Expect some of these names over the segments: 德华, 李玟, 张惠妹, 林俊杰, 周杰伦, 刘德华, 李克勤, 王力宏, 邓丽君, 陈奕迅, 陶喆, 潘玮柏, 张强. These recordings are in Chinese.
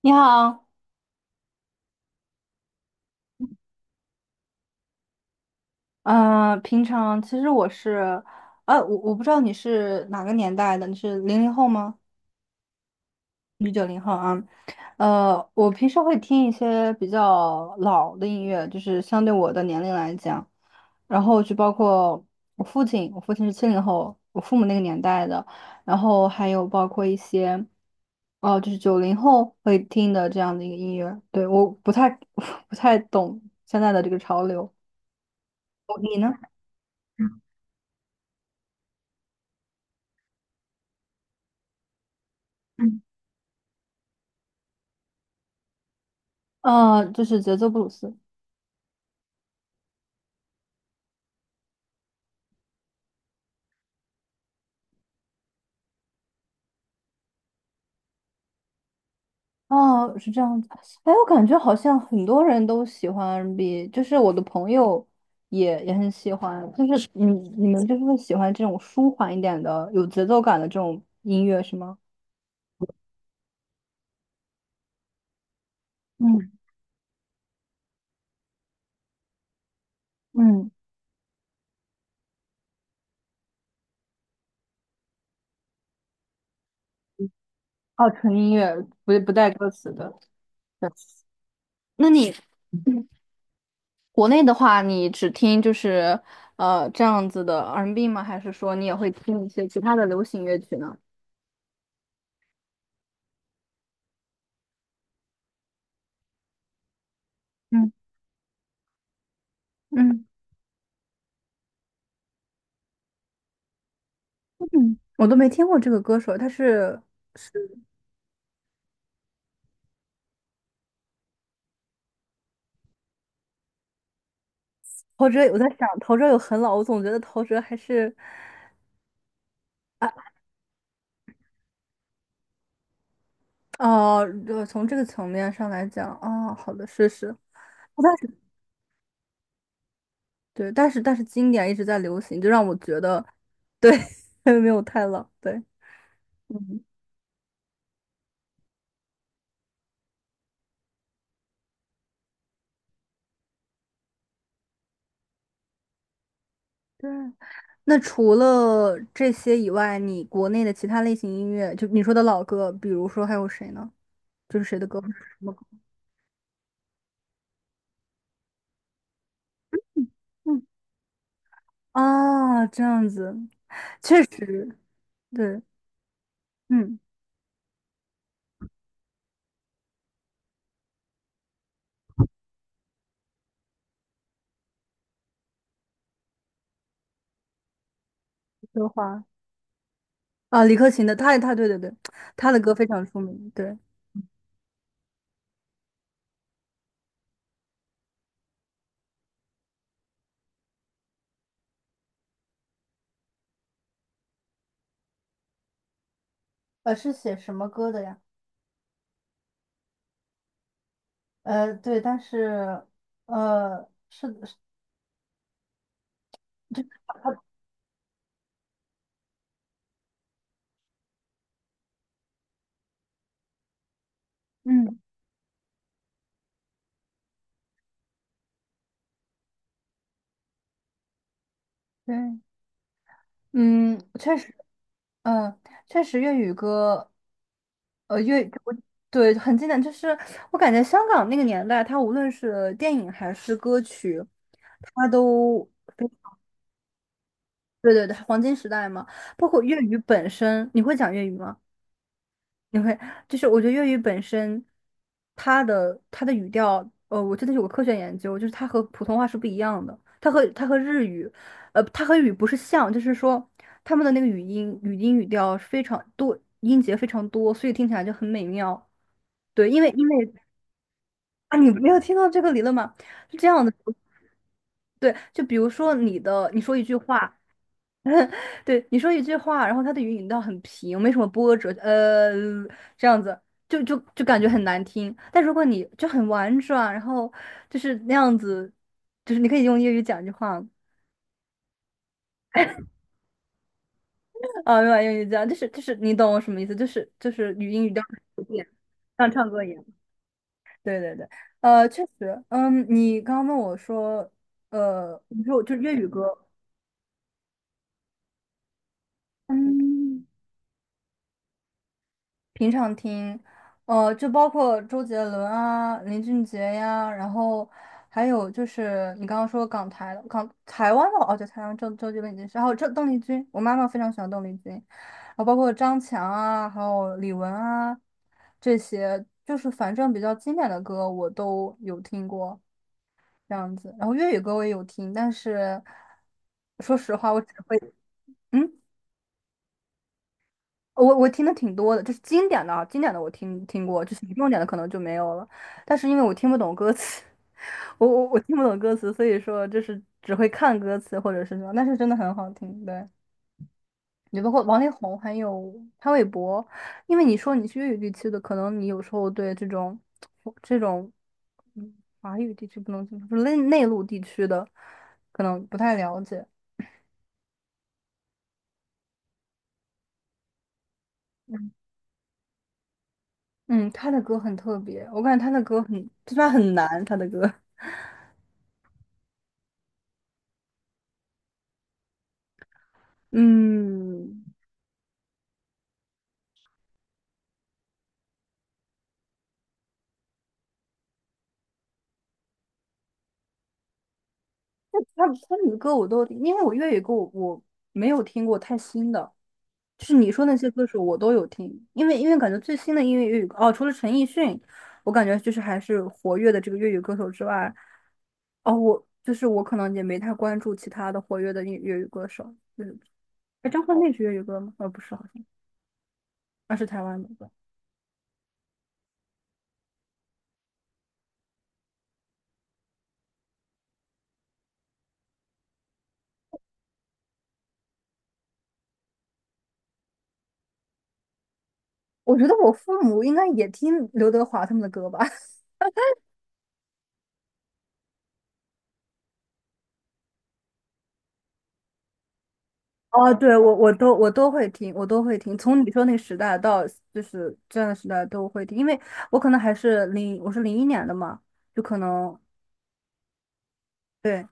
你好，平常其实我是，我不知道你是哪个年代的，你是零零后吗？你是九零后啊？我平时会听一些比较老的音乐，就是相对我的年龄来讲，然后就包括我父亲是七零后，我父母那个年代的，然后还有包括一些，哦、就是九零后会听的这样的一个音乐，对，我不太 不太懂现在的这个潮流，你呢？就是节奏布鲁斯。哦，是这样子。哎，我感觉好像很多人都喜欢 R&B，就是我的朋友也很喜欢。就是你们就是会喜欢这种舒缓一点的、有节奏感的这种音乐是吗？嗯嗯，哦，纯音乐，不带歌词的。对那你国内的话，你只听就是这样子的 R&B 吗？还是说你也会听一些其他的流行乐曲呢？嗯嗯。嗯，我都没听过这个歌手，他是陶喆。我在想，陶喆有很老，我总觉得陶喆还是啊哦，从这个层面上来讲，哦，好的，是是，但是对，但是经典一直在流行，就让我觉得对，没有太老，对，嗯，对。那除了这些以外，你国内的其他类型音乐，就你说的老歌，比如说还有谁呢？就是谁的歌或者是什么歌？嗯，啊，这样子，确实，对，嗯。德华啊，李克勤的，他对对对，他的歌非常出名，对，是写什么歌的呀？对，但是，是的嗯，对，嗯，确实，嗯，确实粤语歌，粤，我对，很经典，就是我感觉香港那个年代，它无论是电影还是歌曲，它都，对对对，黄金时代嘛，包括粤语本身，你会讲粤语吗？你会，就是我觉得粤语本身，它的语调，我真的有个科学研究，就是它和普通话是不一样的，它和日语，它和日语不是像，就是说他们的那个语音语调是非常多，音节非常多，所以听起来就很美妙。对，因为啊，你没有听到这个理论吗？是这样的，对，就比如说你说一句话，对，你说一句话，然后它的语音调很平，没什么波折，这样子就感觉很难听。但如果你就很婉转，然后就是那样子，就是你可以用粤语讲一句话啊，没有用粤语讲，就是就是你懂我什么意思，就是语音语调很点，像唱歌一样。对对对，确实，嗯，你刚刚问我说，你说我就是粤语歌，嗯。平常听，就包括周杰伦啊、林俊杰呀，然后还有就是你刚刚说港台湾的哦，对，台湾周杰伦已经是，还有这邓丽君，我妈妈非常喜欢邓丽君，然后包括张强啊，还有李玟啊这些，就是反正比较经典的歌我都有听过这样子，然后粤语歌我也有听，但是说实话，我只会嗯。我听的挺多的，就是经典的啊，经典的我听过，就是重点的可能就没有了。但是因为我听不懂歌词，我听不懂歌词，所以说就是只会看歌词或者是什么，但是真的很好听。对，你包括王力宏还有潘玮柏，因为你说你是粤语地区的，可能你有时候对这种这种嗯华语地区不能就是内陆地区的可能不太了解。嗯，他的歌很特别，我感觉他的歌很，虽然很难，他的歌。嗯，那他们的歌我都，因为我粤语歌我没有听过太新的，就是你说那些歌手我都有听，因为感觉最新的音乐粤语歌哦，除了陈奕迅，我感觉就是还是活跃的这个粤语歌手之外，哦，我就是我可能也没太关注其他的活跃的粤语歌手，就是哎，张惠妹是粤语歌吗？哦，不是，好像那是台湾的歌。我觉得我父母应该也听刘德华他们的歌吧。哦，对，我都会听，我都会听，从你说那个时代到就是这样的时代都会听，因为我可能还是零，我是零一年的嘛，就可能对，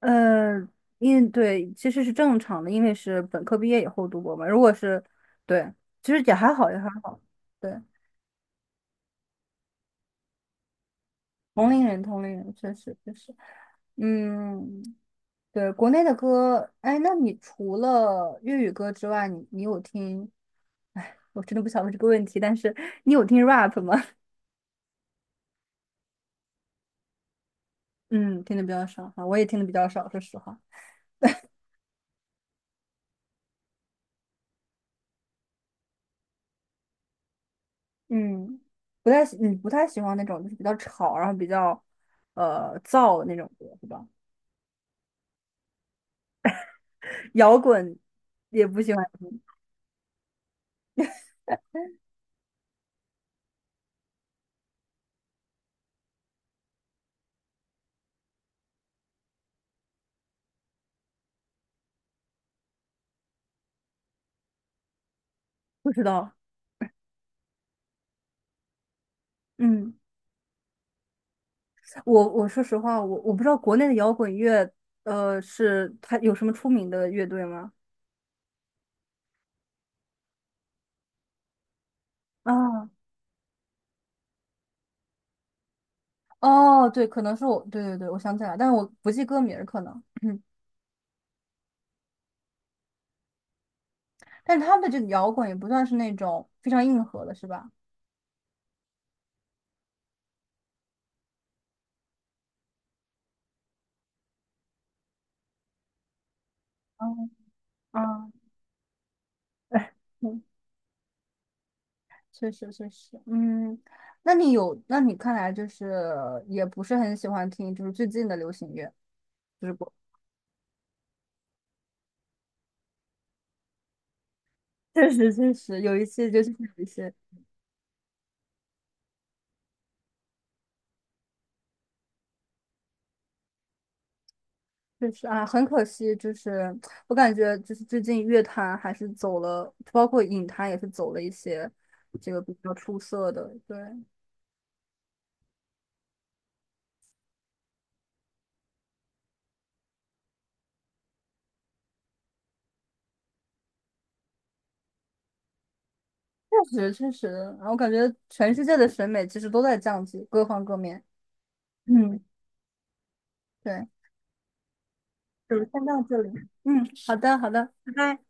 呃，因对其实是正常的，因为是本科毕业以后读博嘛，如果是对，其实也还好，也还好，对，同龄人，同龄人，确实确实，嗯，对，国内的歌，哎，那你除了粤语歌之外，你有听？哎，我真的不想问这个问题，但是你有听 rap 吗？嗯，听的比较少哈，我也听的比较少，说实话。嗯，不太喜，你不太喜欢那种就是比较吵，然后比较燥的那种歌，是吧？摇滚也不喜欢听不知道。嗯。我说实话，我不知道国内的摇滚乐，是它有什么出名的乐队吗？啊，哦，对，可能是我，对对对，我想起来，但是我不记歌名儿，可能，但是他们的这个摇滚也不算是那种非常硬核的，是吧？嗯嗯，哎嗯，确实确实，嗯，那你看来就是也不是很喜欢听，就是最近的流行乐，就是不，确实确实有一些，就是有一些。确实啊，很可惜，就是我感觉就是最近乐坛还是走了，包括影坛也是走了一些这个比较出色的。对，确实确实，啊，我感觉全世界的审美其实都在降级，各方各面。嗯，对，就先到这里。嗯，好的好的，拜拜。